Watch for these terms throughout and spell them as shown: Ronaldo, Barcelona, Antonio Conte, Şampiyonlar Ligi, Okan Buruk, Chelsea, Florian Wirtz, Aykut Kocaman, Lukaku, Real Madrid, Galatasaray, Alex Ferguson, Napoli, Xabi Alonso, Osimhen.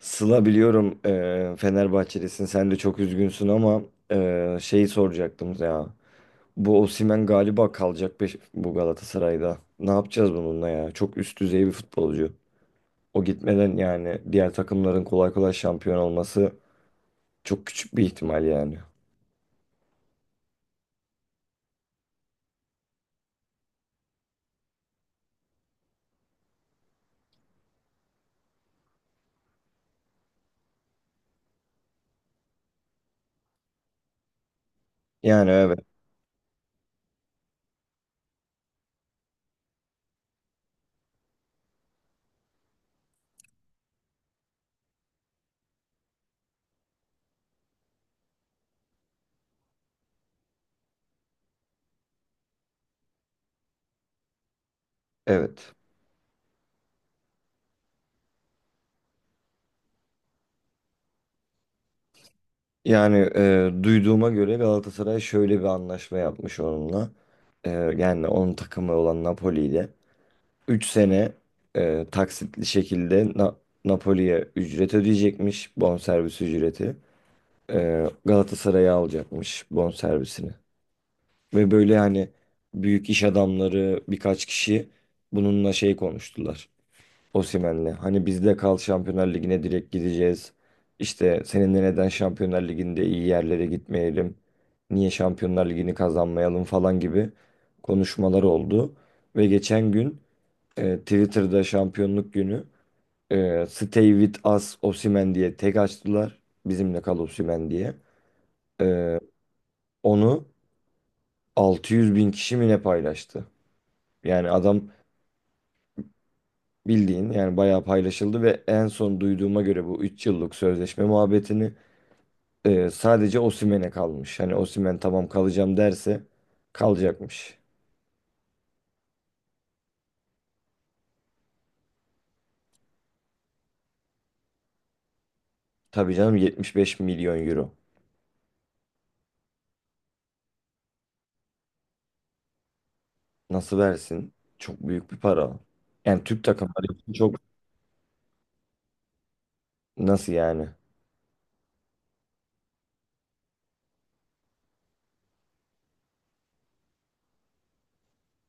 Sıla biliyorum Fenerbahçelisin. Sen de çok üzgünsün ama şeyi soracaktım ya. Bu Osimhen galiba kalacak bu Galatasaray'da. Ne yapacağız bununla ya? Çok üst düzey bir futbolcu. O gitmeden yani diğer takımların kolay kolay şampiyon olması çok küçük bir ihtimal yani. Yani evet, evet. Yani duyduğuma göre Galatasaray şöyle bir anlaşma yapmış onunla. E, yani onun takımı olan Napoli ile. 3 sene taksitli şekilde Napoli'ye ücret ödeyecekmiş, bonservis ücreti. E, Galatasaray'a alacakmış bonservisini. Ve böyle hani büyük iş adamları birkaç kişi bununla şey konuştular. Osimhen'le. Hani bizde kal, Şampiyonlar Ligi'ne direkt gideceğiz. İşte seninle neden Şampiyonlar Ligi'nde iyi yerlere gitmeyelim? Niye Şampiyonlar Ligi'ni kazanmayalım falan gibi konuşmalar oldu. Ve geçen gün Twitter'da şampiyonluk günü "Stay with us Osimhen" diye tek açtılar. Bizimle kal Osimhen diye. E, onu 600 bin kişi mi ne paylaştı? Yani adam bildiğin yani bayağı paylaşıldı ve en son duyduğuma göre bu 3 yıllık sözleşme muhabbetini sadece Osimhen'e kalmış. Hani Osimhen tamam kalacağım derse kalacakmış. Tabii canım, 75 milyon euro. Nasıl versin? Çok büyük bir para. Yani Türk takımları için çok. Nasıl yani?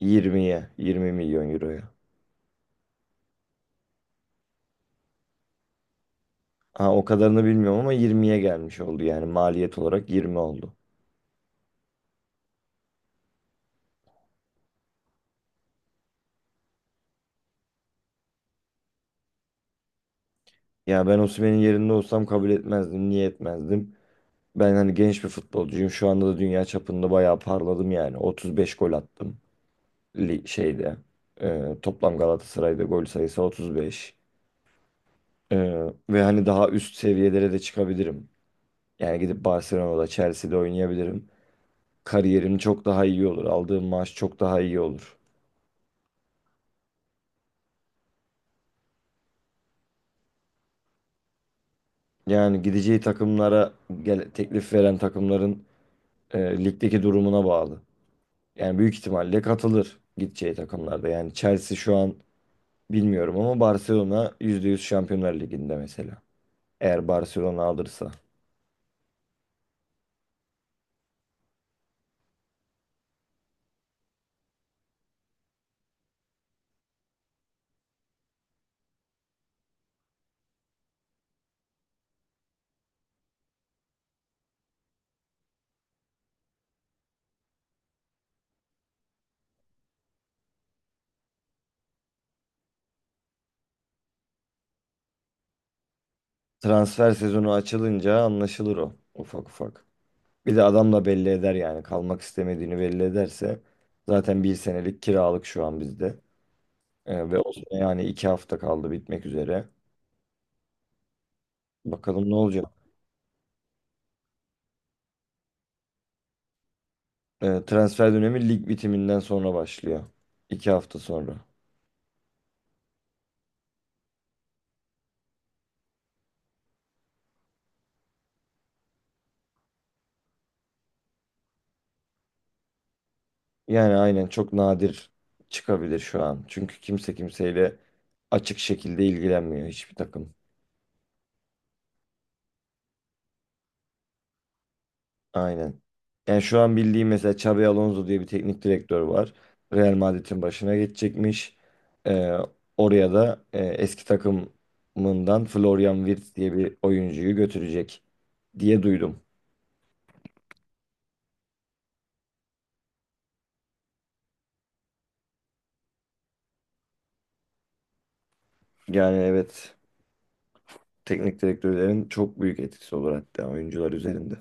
Yirmiye, 20 milyon euroya. Ha, o kadarını bilmiyorum ama yirmiye gelmiş oldu, yani maliyet olarak 20 oldu. Ya ben Osimhen'in yerinde olsam kabul etmezdim. Niye etmezdim? Ben hani genç bir futbolcuyum. Şu anda da dünya çapında bayağı parladım yani. 35 gol attım şeyde. Toplam Galatasaray'da gol sayısı 35. Ee, ve hani daha üst seviyelere de çıkabilirim. Yani gidip Barcelona'da, Chelsea'de oynayabilirim. Kariyerim çok daha iyi olur. Aldığım maaş çok daha iyi olur. Yani gideceği takımlara gel, teklif veren takımların ligdeki durumuna bağlı. Yani büyük ihtimalle katılır gideceği takımlarda. Yani Chelsea şu an bilmiyorum ama Barcelona %100 Şampiyonlar Ligi'nde mesela. Eğer Barcelona alırsa. Transfer sezonu açılınca anlaşılır o, ufak ufak. Bir de adam da belli eder yani, kalmak istemediğini belli ederse. Zaten bir senelik kiralık şu an bizde. Ve o sene, yani iki hafta kaldı bitmek üzere. Bakalım ne olacak. E, transfer dönemi lig bitiminden sonra başlıyor. İki hafta sonra. Yani aynen, çok nadir çıkabilir şu an. Çünkü kimse kimseyle açık şekilde ilgilenmiyor, hiçbir takım. Aynen. Yani şu an bildiğim mesela Xabi Alonso diye bir teknik direktör var. Real Madrid'in başına geçecekmiş. E, oraya da eski takımından Florian Wirtz diye bir oyuncuyu götürecek diye duydum. Yani evet, teknik direktörlerin çok büyük etkisi olur hatta oyuncular üzerinde.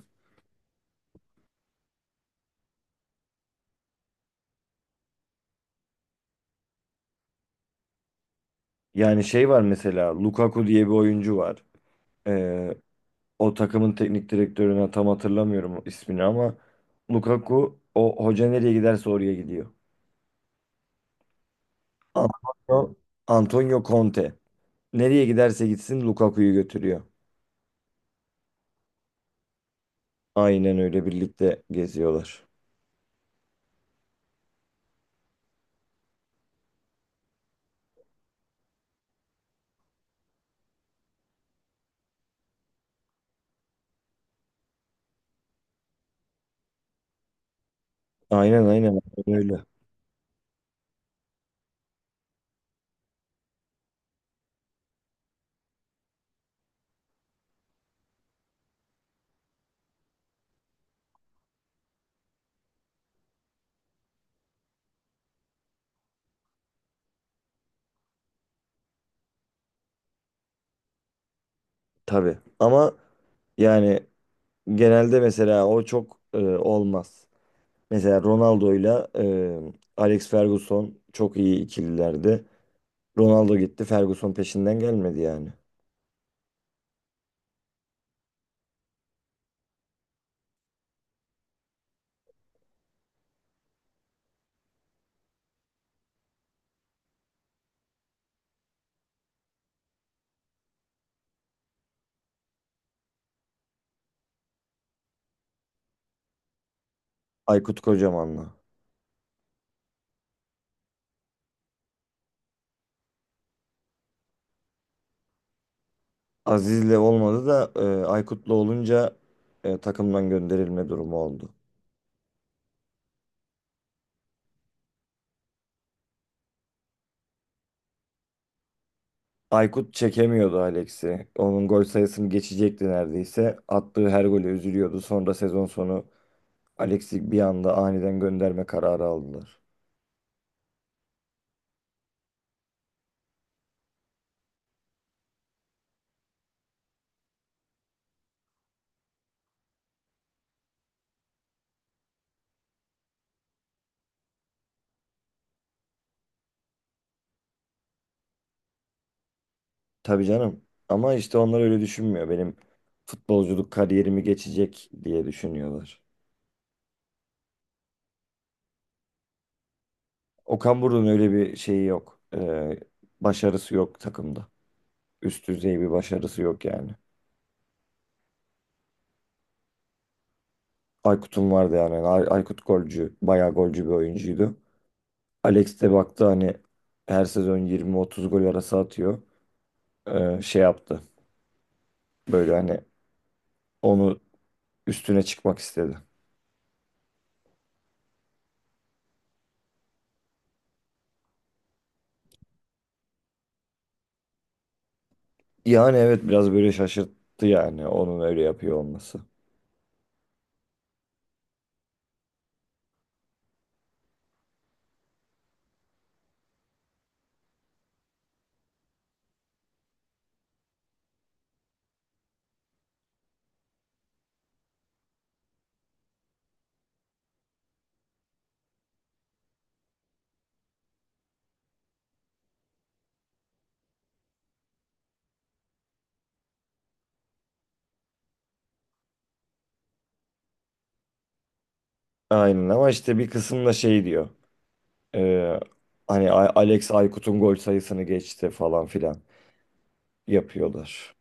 Yani şey var, mesela Lukaku diye bir oyuncu var. Ee, o takımın teknik direktörüne tam hatırlamıyorum ismini ama Lukaku o hoca nereye giderse oraya gidiyor. Antonio, Antonio Conte. Nereye giderse gitsin Lukaku'yu götürüyor. Aynen öyle, birlikte geziyorlar. Aynen, aynen, aynen öyle. Tabii. Ama yani genelde mesela o çok olmaz. Mesela Ronaldo'yla Alex Ferguson çok iyi ikililerdi. Ronaldo gitti. Ferguson peşinden gelmedi yani. Aykut Kocaman'la. Aziz'le olmadı da Aykut'la olunca takımdan gönderilme durumu oldu. Aykut çekemiyordu Alex'i. Onun gol sayısını geçecekti neredeyse. Attığı her gole üzülüyordu. Sonra sezon sonu Alex'i bir anda aniden gönderme kararı aldılar. Tabii canım. Ama işte onlar öyle düşünmüyor. Benim futbolculuk kariyerimi geçecek diye düşünüyorlar. Okan Buruk'un öyle bir şeyi yok. Başarısı yok takımda. Üst düzey bir başarısı yok yani. Aykut'un vardı yani. Aykut golcü, bayağı golcü bir oyuncuydu. Alex de baktı hani her sezon 20-30 gol arası atıyor. Şey yaptı. Böyle hani onu üstüne çıkmak istedi. Yani evet, biraz böyle şaşırttı yani onun öyle yapıyor olması. Aynen ama işte bir kısım da şey diyor. Ee, hani Alex Aykut'un gol sayısını geçti falan filan yapıyorlar.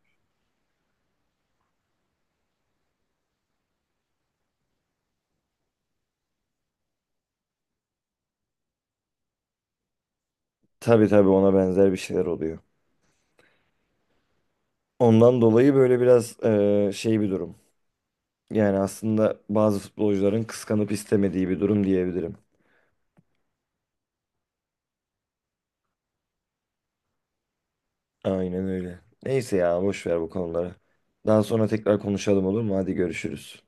Tabii, tabii, ona benzer bir şeyler oluyor. Ondan dolayı böyle biraz şey bir durum. Yani aslında bazı futbolcuların kıskanıp istemediği bir durum diyebilirim. Aynen öyle. Neyse ya, boş ver bu konuları. Daha sonra tekrar konuşalım, olur mu? Hadi görüşürüz.